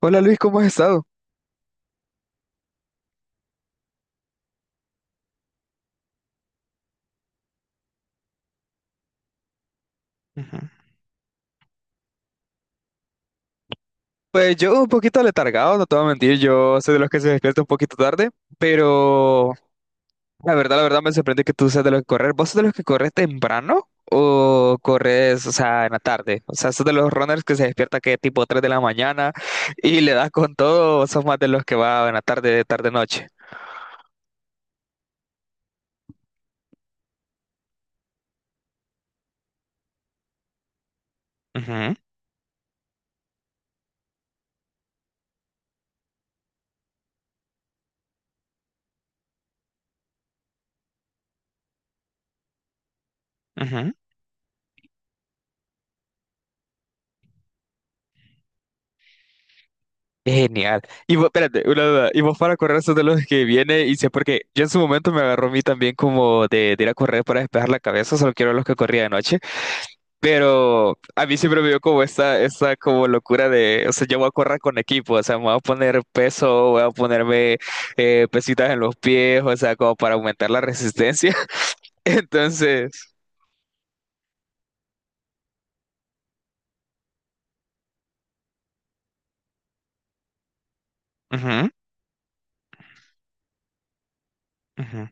Hola Luis, ¿cómo has estado? Ujú. Pues yo un poquito letargado, no te voy a mentir, yo soy de los que se despierta un poquito tarde, pero la verdad me sorprende que tú seas de los que correr. ¿Vos sos de los que corres temprano o corres, o sea, en la tarde? O sea, sos de los runners que se despierta que tipo 3 de la mañana y le das con todo, o sos más de los que va en la tarde, tarde, noche. Ujú, ujú. Genial. Y vos, espérate, una duda. Y vos para correr sos de los que viene y sé porque yo en su momento me agarró a mí también como de ir a correr para despejar la cabeza, solo quiero los que corría de noche, pero a mí siempre me dio como esta como locura de, o sea, yo voy a correr con equipo, o sea, me voy a poner peso, voy a ponerme pesitas en los pies, o sea, como para aumentar la resistencia. Entonces... Ujú, ujú,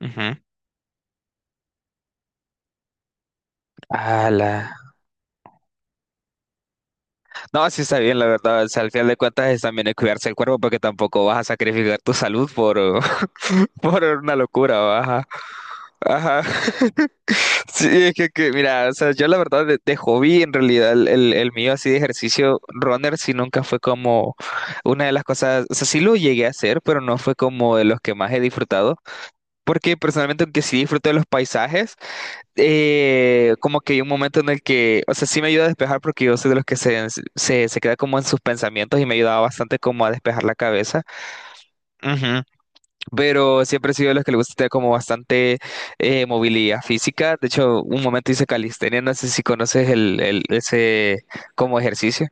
ujú. Ala. No, sí está bien, la verdad. O sea, al final de cuentas es también de cuidarse el cuerpo porque tampoco vas a sacrificar tu salud por, por una locura, ajá. Ajá. Sí, es que, mira, o sea, yo la verdad de hobby, en realidad, el mío así de ejercicio runner sí nunca fue como una de las cosas, o sea, sí lo llegué a hacer, pero no fue como de los que más he disfrutado. Porque personalmente, aunque sí disfruto de los paisajes, como que hay un momento en el que, o sea, sí me ayuda a despejar porque yo soy de los que se queda como en sus pensamientos y me ayudaba bastante como a despejar la cabeza. Ujú. Pero siempre he sido de los que le gusta tener como bastante movilidad física. De hecho, un momento hice calistenia, no sé si conoces ese como ejercicio.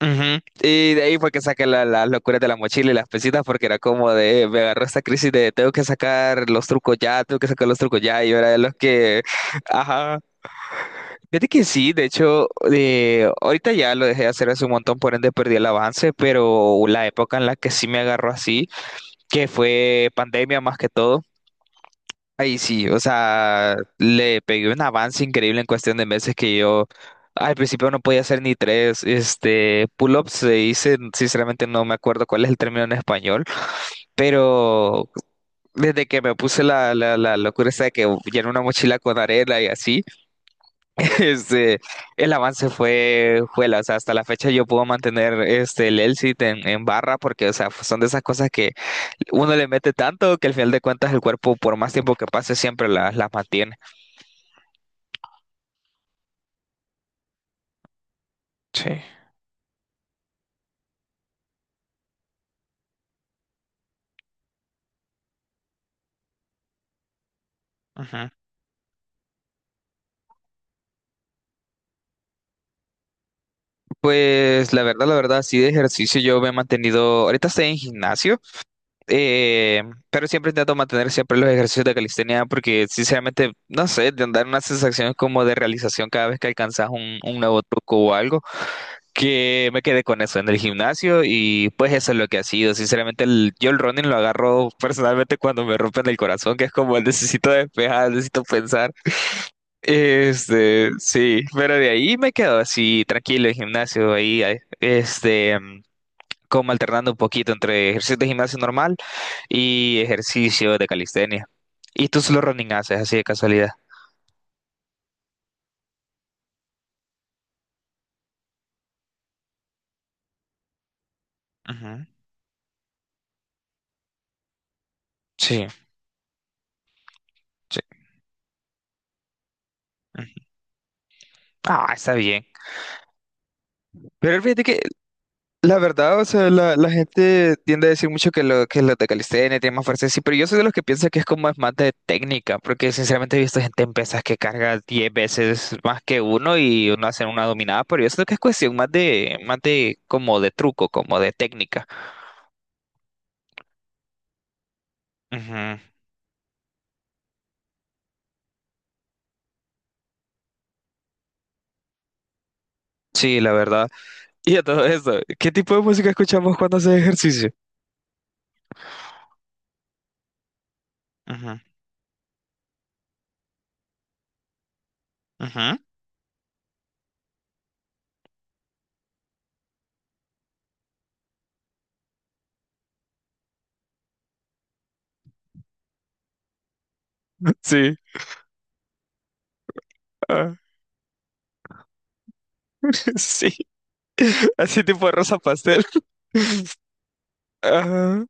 Ujú. Y de ahí fue que saqué las locuras de la mochila y las pesitas porque era como de, me agarró esta crisis de tengo que sacar los trucos ya, tengo que sacar los trucos ya, y yo era de los que, ajá, Fíjate que sí, de hecho, ahorita ya lo dejé de hacer hace un montón, por ende perdí el avance, pero la época en la que sí me agarró así, que fue pandemia más que todo, ahí sí, o sea, le pegué un avance increíble en cuestión de meses que yo al principio no podía hacer ni tres, pull-ups se dice, sinceramente no me acuerdo cuál es el término en español, pero desde que me puse la locura esta de que llené una mochila con arena y así, Este, el avance fue, juela, o sea, hasta la fecha yo puedo mantener el Elsit en barra porque, o sea, pues, son de esas cosas que uno le mete tanto que al final de cuentas el cuerpo, por más tiempo que pase, siempre las mantiene. Sí. Ujú. Pues la verdad, sí de ejercicio yo me he mantenido, ahorita estoy en gimnasio, eh, pero siempre intento mantener siempre los ejercicios de calistenia porque sinceramente, no sé, te dan una sensación como de realización cada vez que alcanzas un nuevo truco o algo. Que me quedé con eso en el gimnasio y pues eso es lo que ha sido. Sinceramente, yo el running lo agarro personalmente cuando me rompen el corazón, que es como el necesito despejar, necesito pensar. Sí, pero de ahí me quedo así tranquilo en gimnasio, ahí, ahí, como alternando un poquito entre ejercicio de gimnasio normal y ejercicio de calistenia. ¿Y tú solo running haces así de casualidad? Ujú. Sí, sí. Ujú. Ah, está bien. Pero fíjate que la verdad, o sea, la gente tiende a decir mucho que, que los de calistenia tienen más fuerza, sí, pero yo soy de los que piensa que es como es más de técnica, porque sinceramente he visto gente en pesas que carga 10 veces más que uno y uno hace una dominada, pero yo siento que es cuestión más de como de truco, como de técnica. Ujú. Sí, la verdad. Y a todo eso, ¿qué tipo de música escuchamos cuando haces ejercicio? Ujú, ujú. Sí, ah, sí, así tipo rosa pastel. Ajá.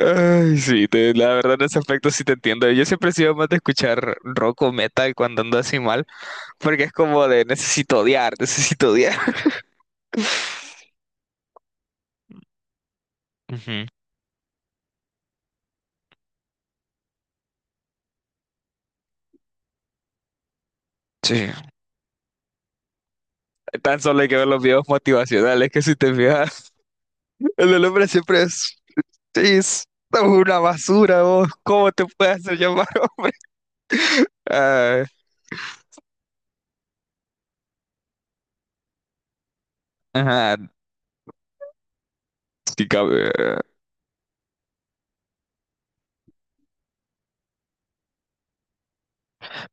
Ay, sí, la verdad en ese aspecto sí te entiendo. Yo siempre he sido más de escuchar rock o metal cuando ando así mal, porque es como de necesito odiar, necesito odiar. Ujú. Sí. Tan solo hay que ver los videos motivacionales, que si te fijas, el del hombre siempre es, sí, es una basura, vos, ¿cómo te puedes hacer llamar? Ay, ajá, sí, cabe.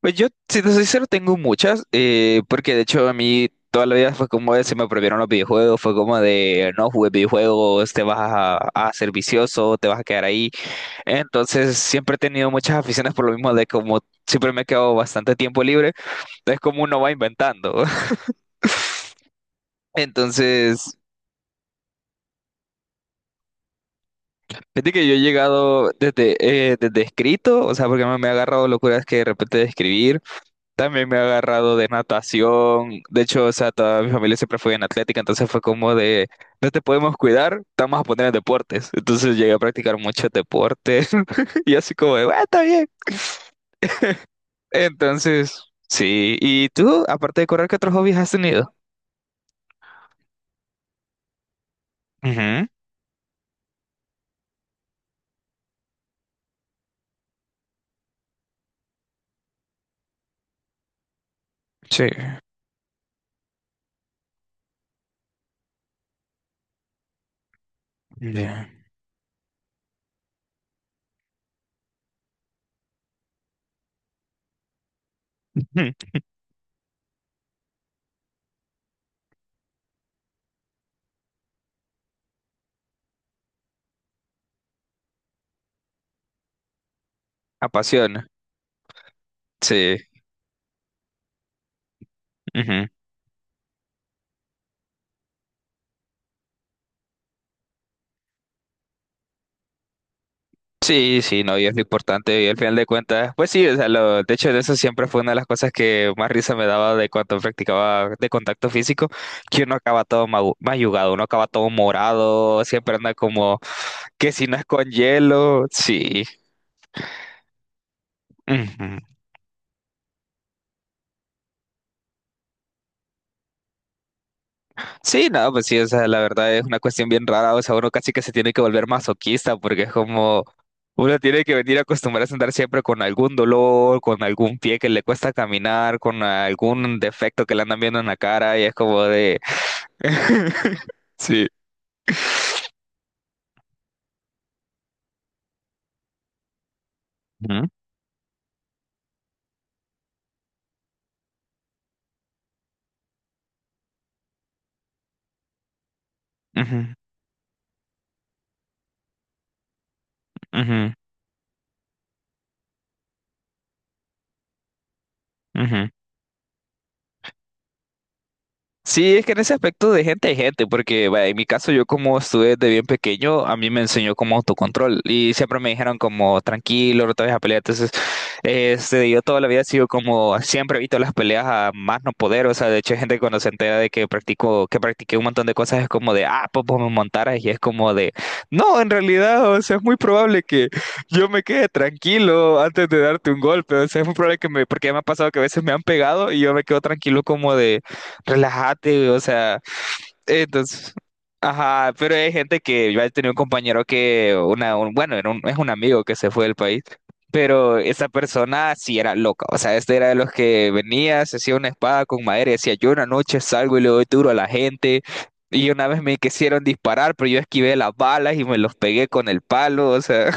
Pues yo, si te soy sincero, tengo muchas, porque de hecho a mí toda la vida fue como de se me prohibieron los videojuegos, fue como de no jugues videojuegos, te vas a ser vicioso, te vas a quedar ahí. Entonces siempre he tenido muchas aficiones por lo mismo de como siempre me he quedado bastante tiempo libre, entonces como uno va inventando. Entonces, fíjate que yo he llegado desde, desde escrito, o sea, porque me ha agarrado locuras que de repente de escribir. También me ha agarrado de natación. De hecho, o sea, toda mi familia siempre fue en atlética, entonces fue como de, no te podemos cuidar, te vamos a poner en deportes. Entonces llegué a practicar muchos deportes y así como de, "Bueno, está bien. Entonces, sí". ¿Y tú, aparte de correr, qué otros hobbies has tenido? Ujú. Sí. Bien. Ujú. Apasiona. Sí. Sí, sí, no, y es lo importante, y al final de cuentas, pues sí, o sea, lo, de hecho, de eso siempre fue una de las cosas que más risa me daba de cuando practicaba de contacto físico, que uno acaba todo mayugado, uno acaba todo morado, siempre anda como que si no es con hielo, sí. Ujú. Sí, no, pues sí, o sea, la verdad es una cuestión bien rara, o sea, uno casi que se tiene que volver masoquista porque es como uno tiene que venir a acostumbrarse a andar siempre con algún dolor, con algún pie que le cuesta caminar, con algún defecto que le andan viendo en la cara y es como de... Sí. Ujú, ujú, ujú, ujú. Sí, es que en ese aspecto de gente hay gente, porque vaya, en mi caso yo como estuve desde bien pequeño, a mí me enseñó como autocontrol y siempre me dijeron como tranquilo, no te vayas a pelear. Entonces, yo toda la vida he sido como, siempre evito las peleas a más no poder, o sea, de hecho hay gente que cuando se entera de que practiqué un montón de cosas es como de, ah, pues vos me montaras y es como de, no, en realidad, o sea, es muy probable que yo me quede tranquilo antes de darte un golpe, o sea, es muy probable que me, porque ya me ha pasado que a veces me han pegado y yo me quedo tranquilo como de... Relájate, güey, o sea, entonces, ajá, pero hay gente que yo he tenido un compañero que, bueno, es un amigo que se fue del país, pero esa persona sí era loca, o sea, este era de los que venía, se hacía una espada con madera y decía, yo una noche salgo y le doy duro a la gente, y una vez me quisieron disparar, pero yo esquivé las balas y me los pegué con el palo, o sea.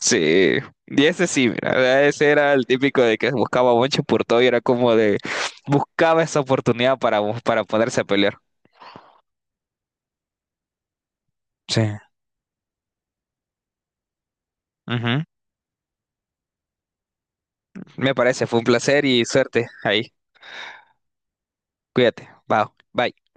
Sí, y ese sí, mira, ese era el típico de que buscaba bonche por todo y era como de buscaba esa oportunidad para ponerse a pelear. Sí. Ujú. Me parece, fue un placer y suerte ahí. Cuídate. Bye. Bye.